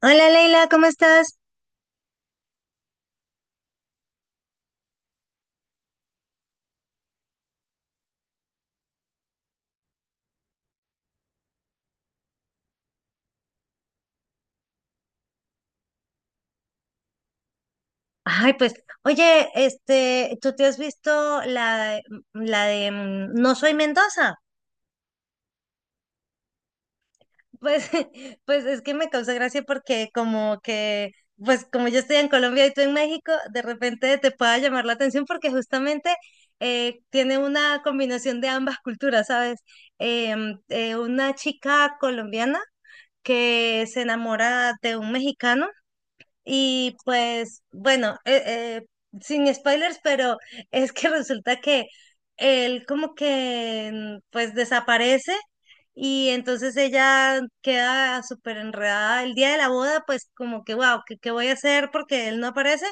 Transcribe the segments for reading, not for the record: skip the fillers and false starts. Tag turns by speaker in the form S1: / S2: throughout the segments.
S1: Hola Leila, ¿cómo estás? Ay, pues, oye, este, ¿tú te has visto la, la de No soy Mendoza? Pues, pues es que me causa gracia porque como que, pues como yo estoy en Colombia y tú en México, de repente te pueda llamar la atención porque justamente tiene una combinación de ambas culturas, ¿sabes? Una chica colombiana que se enamora de un mexicano. Y pues, bueno, sin spoilers, pero es que resulta que él como que pues desaparece y entonces ella queda súper enredada. El día de la boda, pues como que, wow, qué voy a hacer? Porque él no aparece.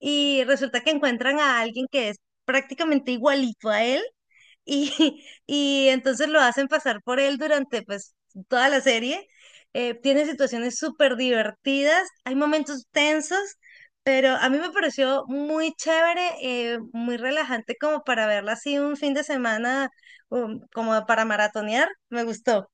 S1: Y resulta que encuentran a alguien que es prácticamente igualito a él y, y entonces lo hacen pasar por él durante pues toda la serie. Tiene situaciones súper divertidas, hay momentos tensos, pero a mí me pareció muy chévere, muy relajante como para verla así un fin de semana, como para maratonear, me gustó.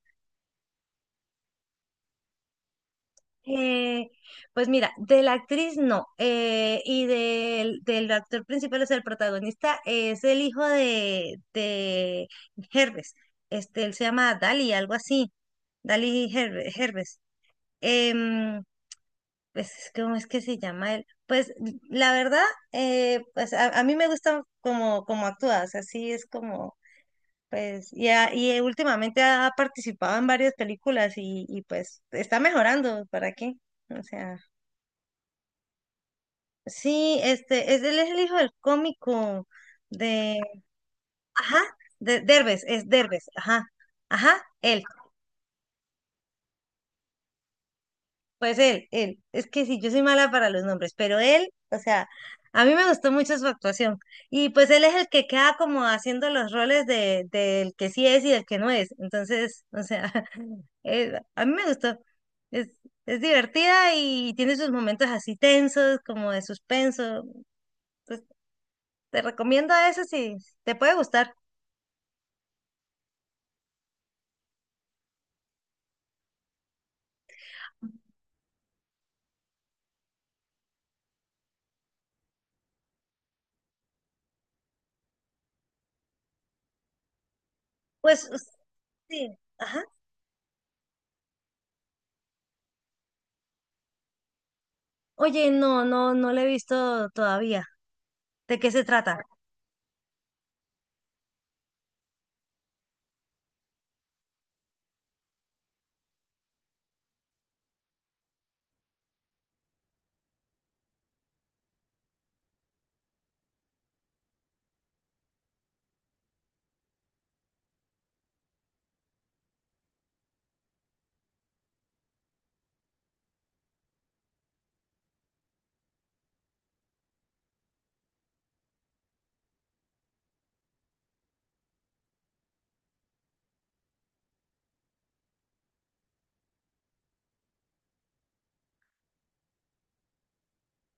S1: Eh, pues mira, de la actriz no, y del actor principal, o sea, el protagonista es el hijo de Herbes, este, él se llama Dali, algo así, Dali Herbes. Em, pues, ¿cómo es que se llama él? Pues la verdad, pues a mí me gusta como, como actúa, o sea, sí es como, pues, y, últimamente ha participado en varias películas y pues está mejorando, ¿para qué? O sea. Sí, este, es, él es el hijo del cómico de, ajá, de Derbez, es Derbez, ajá, ajá, él, pues él, es que sí, yo soy mala para los nombres, pero él, o sea, a mí me gustó mucho su actuación, y pues él es el que queda como haciendo los roles de, del que sí es y del que no es, entonces, o sea, a mí me gustó, es, es divertida y tiene sus momentos así tensos, como de suspenso, pues te recomiendo eso si te puede gustar. Pues sí, ajá. Oye, no, no, no la he visto todavía. ¿De qué se trata?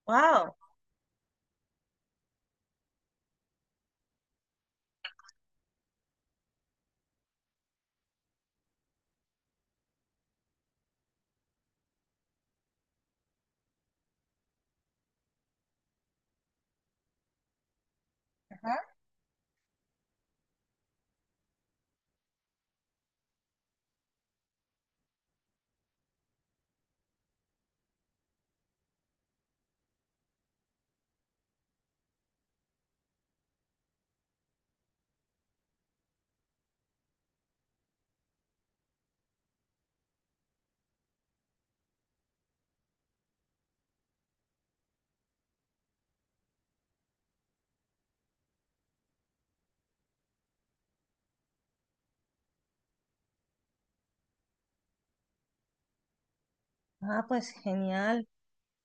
S1: Wow. Ah, pues genial.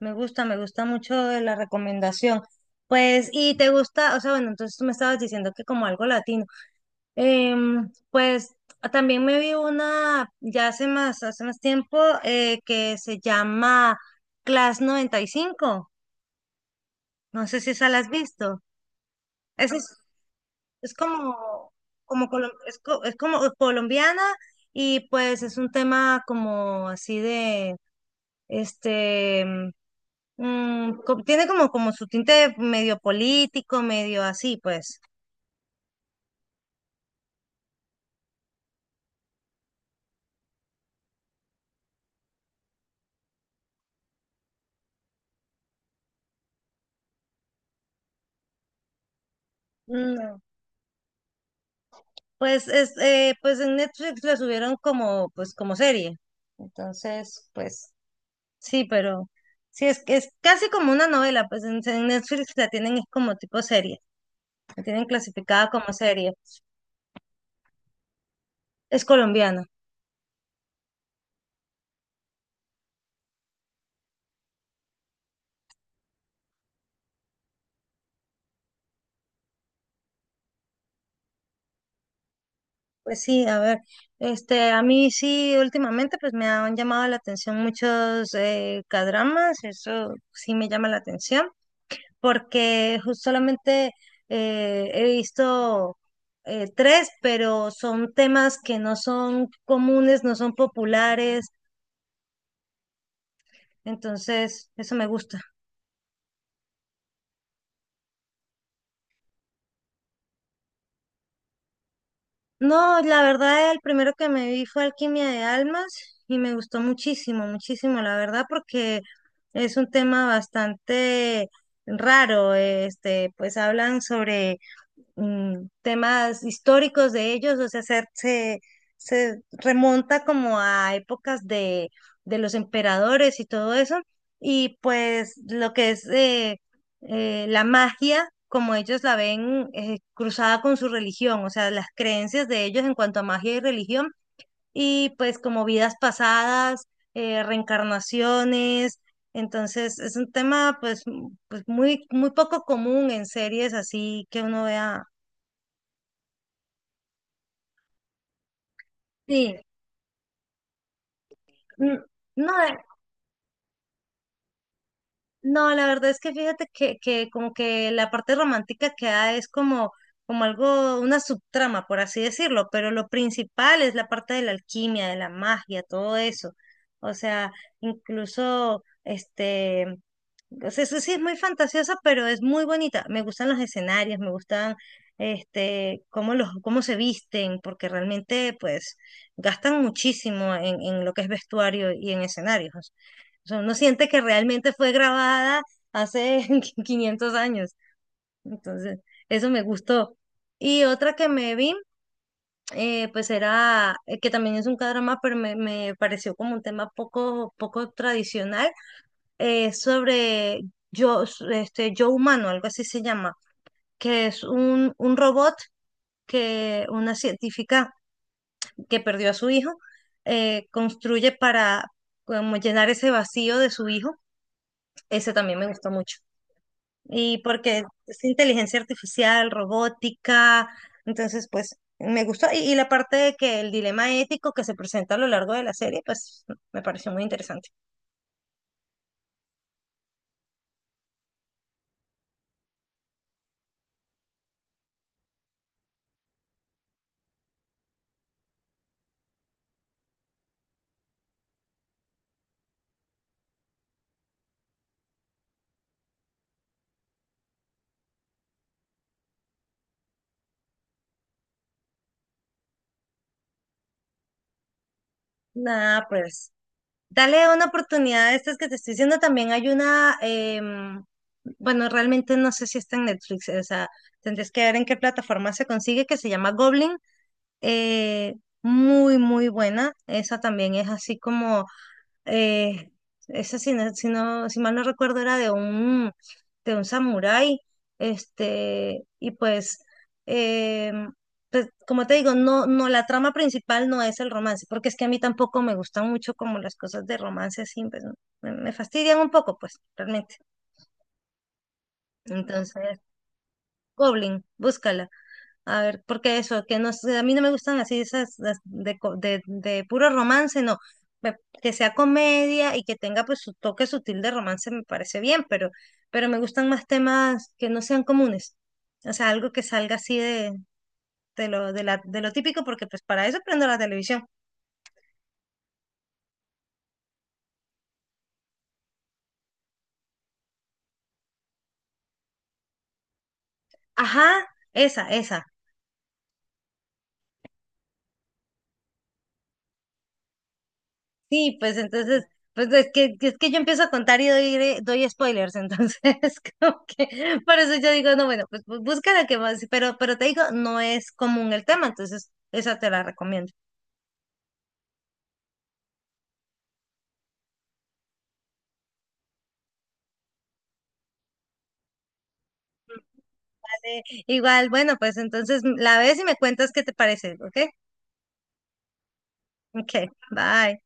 S1: Me gusta mucho la recomendación. Pues, y te gusta, o sea, bueno, entonces tú me estabas diciendo que como algo latino. Em, pues también me vi una ya hace más tiempo que se llama Class 95. No sé si esa la has visto. Esa es como, como, es como colombiana y pues es un tema como así de, este, tiene como, como su tinte medio político, medio así, pues. No. Pues, es, pues en Netflix la subieron como, pues, como serie. Entonces, pues, sí, pero sí, es casi como una novela, pues en Netflix la tienen es como tipo serie, la tienen clasificada como serie. Es colombiana. Pues sí, a ver, este, a mí sí, últimamente pues me han llamado la atención muchos K-dramas, eso sí me llama la atención, porque solamente he visto tres, pero son temas que no son comunes, no son populares, entonces eso me gusta. No, la verdad, el primero que me vi fue Alquimia de Almas y me gustó muchísimo, muchísimo, la verdad, porque es un tema bastante raro. Este, pues hablan sobre temas históricos de ellos, o sea, se remonta como a épocas de los emperadores y todo eso, y pues lo que es la magia, como ellos la ven cruzada con su religión, o sea, las creencias de ellos en cuanto a magia y religión, y pues como vidas pasadas, reencarnaciones. Entonces, es un tema pues, pues muy, muy poco común en series así que uno vea. Sí, n- no, no, la verdad es que fíjate que como que la parte romántica queda es como, como algo, una subtrama, por así decirlo, pero lo principal es la parte de la alquimia, de la magia, todo eso. O sea, incluso, este, o sea, eso sí es muy fantasiosa, pero es muy bonita. Me gustan los escenarios, me gustan, este, cómo los, cómo se visten, porque realmente, pues, gastan muchísimo en lo que es vestuario y en escenarios. O sea, uno siente que realmente fue grabada hace 500 años. Entonces, eso me gustó. Y otra que me vi, pues era, que también es un cadrama, pero me pareció como un tema poco, poco tradicional, sobre yo, este, yo humano, algo así se llama, que es un robot que una científica que perdió a su hijo construye para como llenar ese vacío de su hijo. Ese también me gustó mucho. Y porque es inteligencia artificial, robótica, entonces pues me gustó. Y la parte de que el dilema ético que se presenta a lo largo de la serie, pues me pareció muy interesante. Nada, pues dale una oportunidad a estas que te estoy diciendo. También hay una, em, bueno, realmente no sé si está en Netflix, o sea, tendrías que ver en qué plataforma se consigue, que se llama Goblin. eh, Muy, muy buena. Esa también es así como. Eh, Esa, si, no, si, si mal no recuerdo, era de un samurái. Este, y pues, eh, pues, como te digo, no, no, la trama principal no es el romance, porque es que a mí tampoco me gustan mucho como las cosas de romance así, pues, me fastidian un poco, pues, realmente. Entonces, Goblin, búscala. A ver, porque eso, que no, sé, a mí no me gustan así esas las de, de puro romance, no. Me- Que sea comedia y que tenga pues su toque sutil de romance me parece bien, pero me gustan más temas que no sean comunes. O sea, algo que salga así de lo, de la, de lo típico, porque pues para eso prendo la televisión. Ajá, esa, esa. Sí, pues entonces, pues es que yo empiezo a contar y doy, doy spoilers, entonces como que por eso yo digo, no, bueno, pues busca la que más, pero te digo, no es común el tema, entonces esa te la recomiendo. Igual, bueno, pues entonces la ves y me cuentas qué te parece, ¿ok? Ok, bye.